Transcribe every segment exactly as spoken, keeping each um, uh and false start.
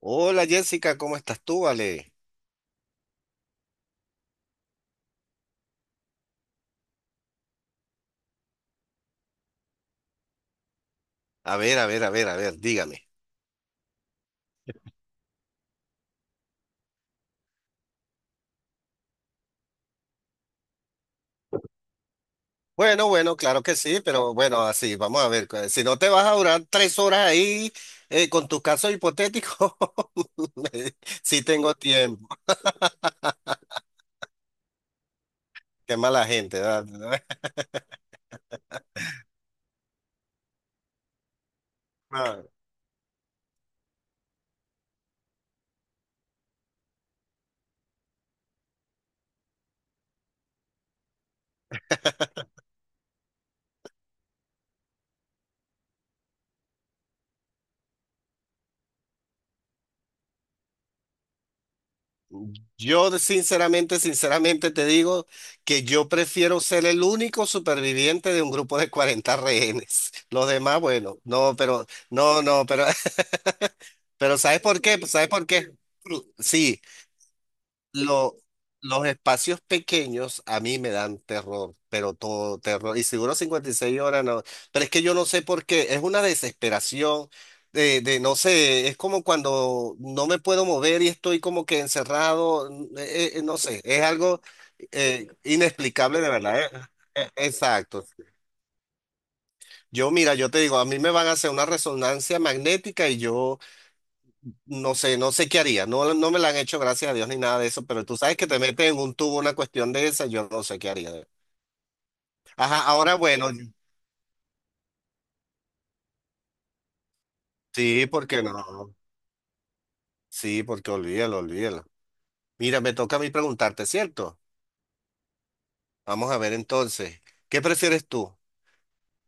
Hola Jessica, ¿cómo estás tú, Vale? A ver, a ver, a ver, a ver, dígame. Bueno, bueno, claro que sí, pero bueno, así, vamos a ver. cu- Si no te vas a durar tres horas ahí eh, con tus casos hipotéticos, sí tengo tiempo. Qué mala gente, ¿verdad? Ah. Yo sinceramente, sinceramente te digo que yo prefiero ser el único superviviente de un grupo de cuarenta rehenes. Los demás, bueno, no, pero, no, no, pero. Pero ¿sabes por qué? ¿Sabes por qué? Fru- Sí, lo- los espacios pequeños a mí me dan terror, pero todo terror. Y seguro cincuenta y seis horas no. Pero es que yo no sé por qué. Es una desesperación de, de no sé, es como cuando no me puedo mover y estoy como que encerrado. N- eh, eh, no sé, es algo eh, inexplicable de verdad. eh. Eh, Exacto. Yo, mira, yo te digo, a mí me van a hacer una resonancia magnética y yo. No sé, no sé qué haría. No, no me la han hecho, gracias a Dios, ni nada de eso, pero tú sabes que te meten en un tubo una cuestión de esa, yo no sé qué haría. Ajá, ahora bueno, sí, porque no. Sí, porque olvídalo, olvídalo. Mira, me toca a mí preguntarte, ¿cierto? Vamos a ver entonces, ¿qué prefieres tú?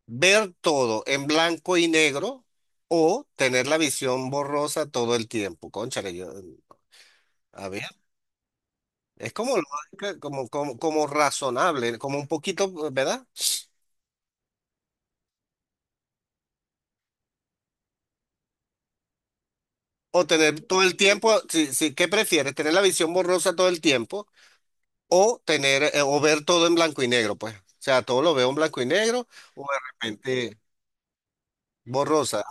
¿Ver todo en blanco y negro o tener la visión borrosa todo el tiempo? Cónchale, yo, a ver, es como, lógica, como, como, como razonable, como un poquito, ¿verdad? O tener todo el tiempo, si, si, ¿qué prefieres? ¿Tener la visión borrosa todo el tiempo o tener eh, o ver todo en blanco y negro, pues? O sea, todo lo veo en blanco y negro o de repente borrosa.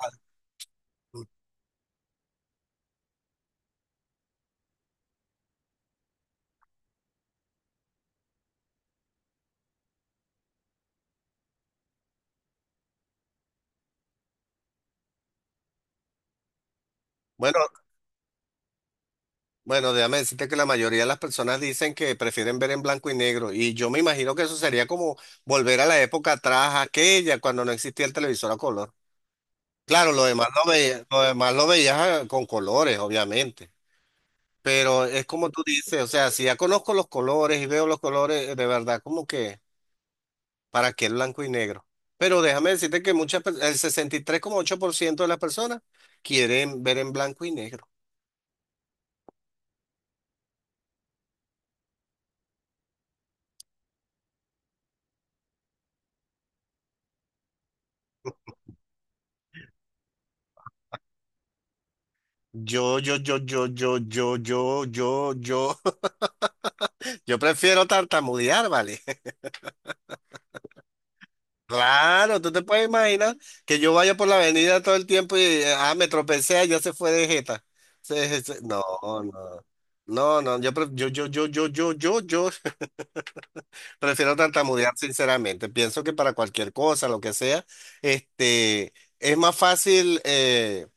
Bueno, bueno, déjame decirte que la mayoría de las personas dicen que prefieren ver en blanco y negro y yo me imagino que eso sería como volver a la época atrás, aquella cuando no existía el televisor a color. Claro, lo demás lo veía, lo demás lo veías ah, con colores, obviamente. Pero es como tú dices, o sea, si ya conozco los colores y veo los colores, eh, de verdad, como que, ¿para qué el blanco y negro? Pero déjame decirte que muchas, per- el sesenta y tres coma ocho por ciento de las personas quieren ver en blanco y negro. Yo, yo, yo, yo, yo, yo, yo, yo, yo, yo prefiero tartamudear, ¿vale? Claro, tú te puedes imaginar que yo vaya por la avenida todo el tiempo y, eh, ah, me tropecé, ya se fue de jeta. Se- se- No, no, no, no, yo, pre- yo, yo, yo, yo, yo, yo, yo. Prefiero tartamudear, sinceramente. Pienso que para cualquier cosa, lo que sea, este, es más fácil, eh,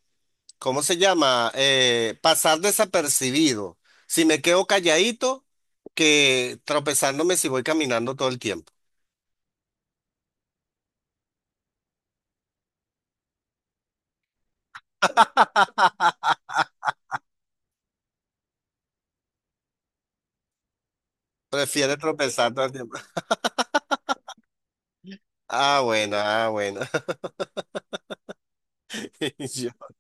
¿cómo se llama? Eh, pasar desapercibido si me quedo calladito que tropezándome si voy caminando todo el tiempo. Prefiero tropezar todo el tiempo. Ah, bueno, ah, bueno. Yo-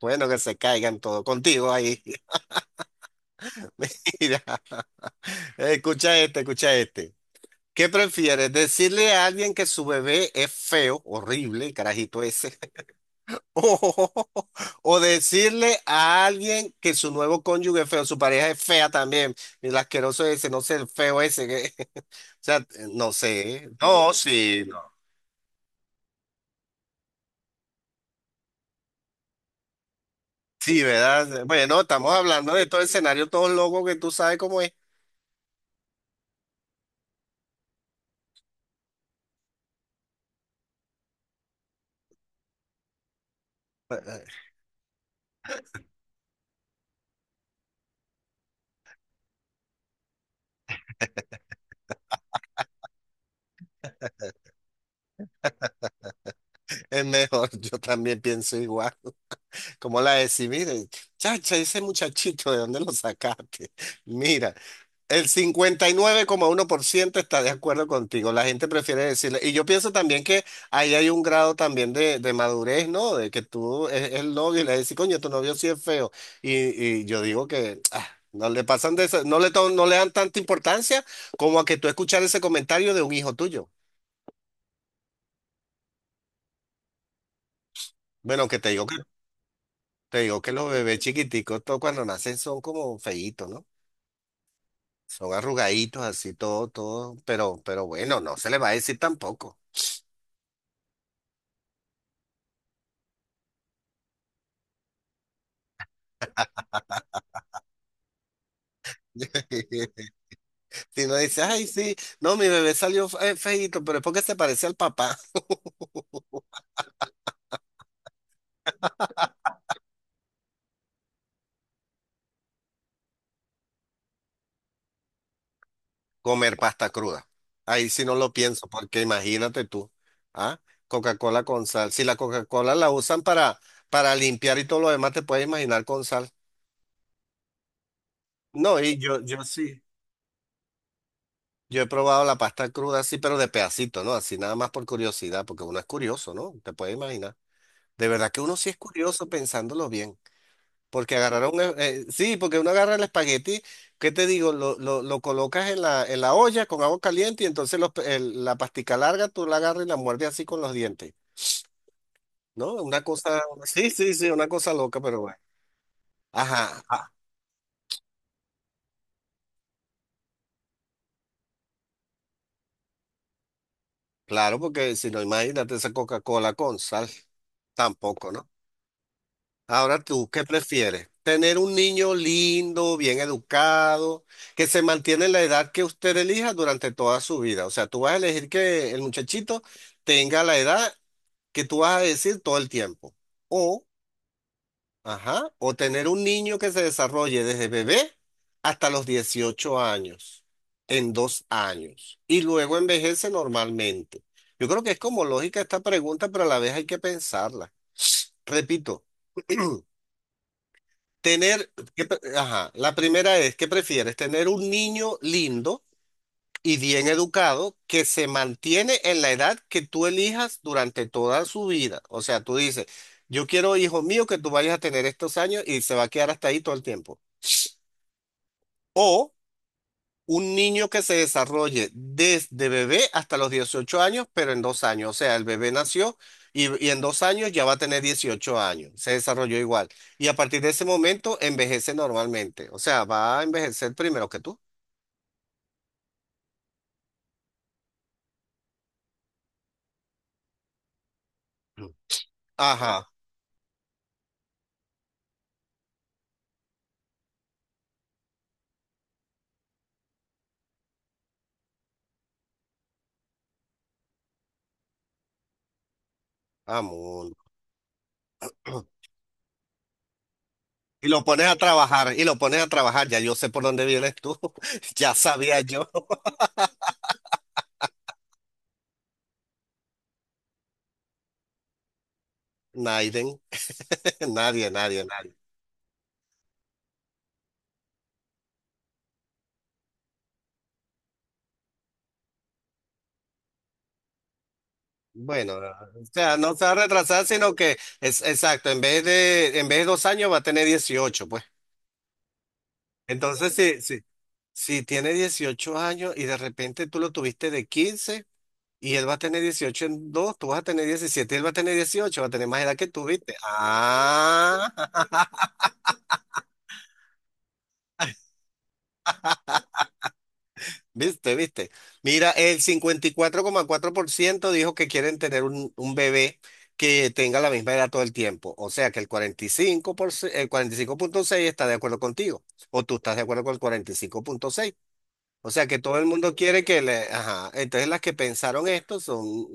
Bueno, que se caigan todos contigo ahí. Mira, escucha este, escucha este. ¿Qué prefieres? ¿Decirle a alguien que su bebé es feo, horrible, el carajito ese? O decirle a alguien que su nuevo cónyuge es feo, su pareja es fea también. Mira, el asqueroso ese, no sé, el feo ese. que- O sea, no sé. No, sí, no. Sí, ¿verdad? Bueno, estamos hablando de todo el escenario, todos locos que tú sabes cómo es. Es mejor, yo también pienso igual. Como la de sí, mire, chacha, ese muchachito, ¿de dónde lo sacaste? Mira. El cincuenta y nueve coma uno por ciento está de acuerdo contigo. La gente prefiere decirle. Y yo pienso también que ahí hay un grado también de, de madurez, ¿no? De que tú es es el novio y le dices, coño, tu novio sí es feo. Y, y yo digo que ah, no le pasan de eso, no le, to- no le dan tanta importancia como a que tú escuchar ese comentario de un hijo tuyo. Bueno, que te digo que, te digo que los bebés chiquiticos, todo cuando nacen son como feitos, ¿no? Son arrugaditos, así, todo, todo. Pero, pero bueno, no se le va a decir tampoco. Si no dice, ay, sí, no, mi bebé salió fe- feíto, pero es porque se parece al papá. Comer pasta cruda. Ahí sí no lo pienso, porque imagínate tú, ¿ah? Coca-Cola con sal. Si la Coca-Cola la usan para, para limpiar y todo lo demás, te puedes imaginar con sal. No, y yo, yo sí. Yo he probado la pasta cruda así, pero de pedacito, ¿no? Así nada más por curiosidad, porque uno es curioso, ¿no? Te puedes imaginar. De verdad que uno sí es curioso pensándolo bien. Porque agarraron, e, eh, sí, porque uno agarra el espagueti, ¿qué te digo? Lo, lo, lo colocas en la, en la olla con agua caliente y entonces los pe- el- la pastica larga tú la agarras y la muerdes así con los dientes, ¿no? Una cosa, sí, sí, sí, una cosa loca, pero bueno. Ajá, ah, claro, porque si no, imagínate esa Coca-Cola con sal, tampoco, ¿no? Ahora tú, ¿qué prefieres? ¿Tener un niño lindo, bien educado, que se mantiene en la edad que usted elija durante toda su vida? O sea, tú vas a elegir que el muchachito tenga la edad que tú vas a decir todo el tiempo. O, ajá, o tener un niño que se desarrolle desde bebé hasta los dieciocho años, en dos años, y luego envejece normalmente. Yo creo que es como lógica esta pregunta, pero a la vez hay que pensarla. Repito. Tener, ¿qué pre- ajá, la primera es, ¿qué prefieres? ¿Tener un niño lindo y bien educado que se mantiene en la edad que tú elijas durante toda su vida? O sea, tú dices, yo quiero, hijo mío, que tú vayas a tener estos años y se va a quedar hasta ahí todo el tiempo. O un niño que se desarrolle desde bebé hasta los dieciocho años, pero en dos años. O sea, el bebé nació y, y en dos años ya va a tener dieciocho años. Se desarrolló igual. Y a partir de ese momento envejece normalmente. O sea, va a envejecer primero que tú. Mm. Ajá, amor. Y lo pones a trabajar, y lo pones a trabajar. Ya yo sé por dónde vienes tú. Ya sabía yo. Naiden. Nadie, nadie, nadie. Bueno, o sea, no se va a retrasar, sino que es exacto, en vez de, en vez de dos años va a tener dieciocho, pues. Entonces, si, si, si tiene dieciocho años y de repente tú lo tuviste de quince y él va a tener dieciocho en dos, tú vas a tener diecisiete, y él va a tener dieciocho, va a tener más edad que tú, ¿viste? Ah. Viste, viste. Mira, el cincuenta y cuatro coma cuatro por ciento dijo que quieren tener un, un bebé que tenga la misma edad todo el tiempo. O sea que el cuarenta y cinco por ciento, el cuarenta y cinco punto seis está de acuerdo contigo. O tú estás de acuerdo con el cuarenta y cinco punto seis. O sea que todo el mundo quiere que le. Ajá. Entonces las que pensaron esto son,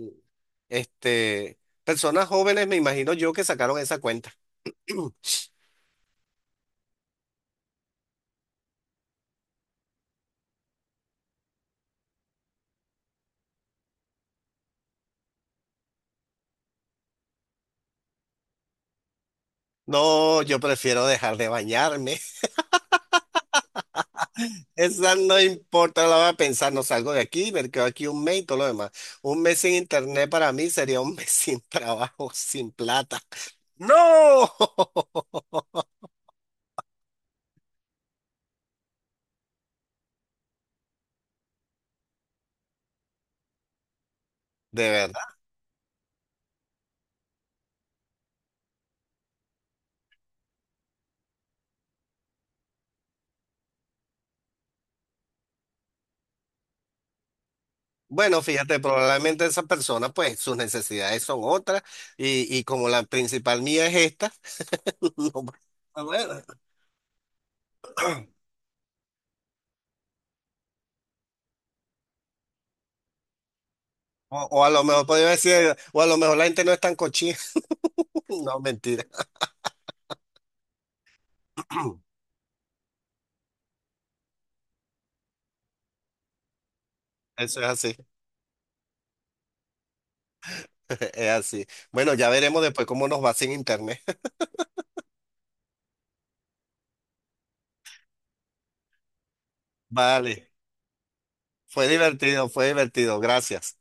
este, personas jóvenes, me imagino yo, que sacaron esa cuenta. No, yo prefiero dejar de bañarme. Esa no importa, la voy a pensar, no salgo de aquí, me quedo aquí un mes y todo lo demás. Un mes sin internet para mí sería un mes sin trabajo, sin plata. ¡No! De verdad. Bueno, fíjate, probablemente esa persona, pues sus necesidades son otras y, y como la principal mía es esta, no, bueno. O, o a lo mejor podría decir, o a lo mejor la gente no es tan cochina. No, mentira. Eso es así, es así. Bueno, ya veremos después cómo nos va sin internet. Vale, fue divertido, fue divertido, gracias.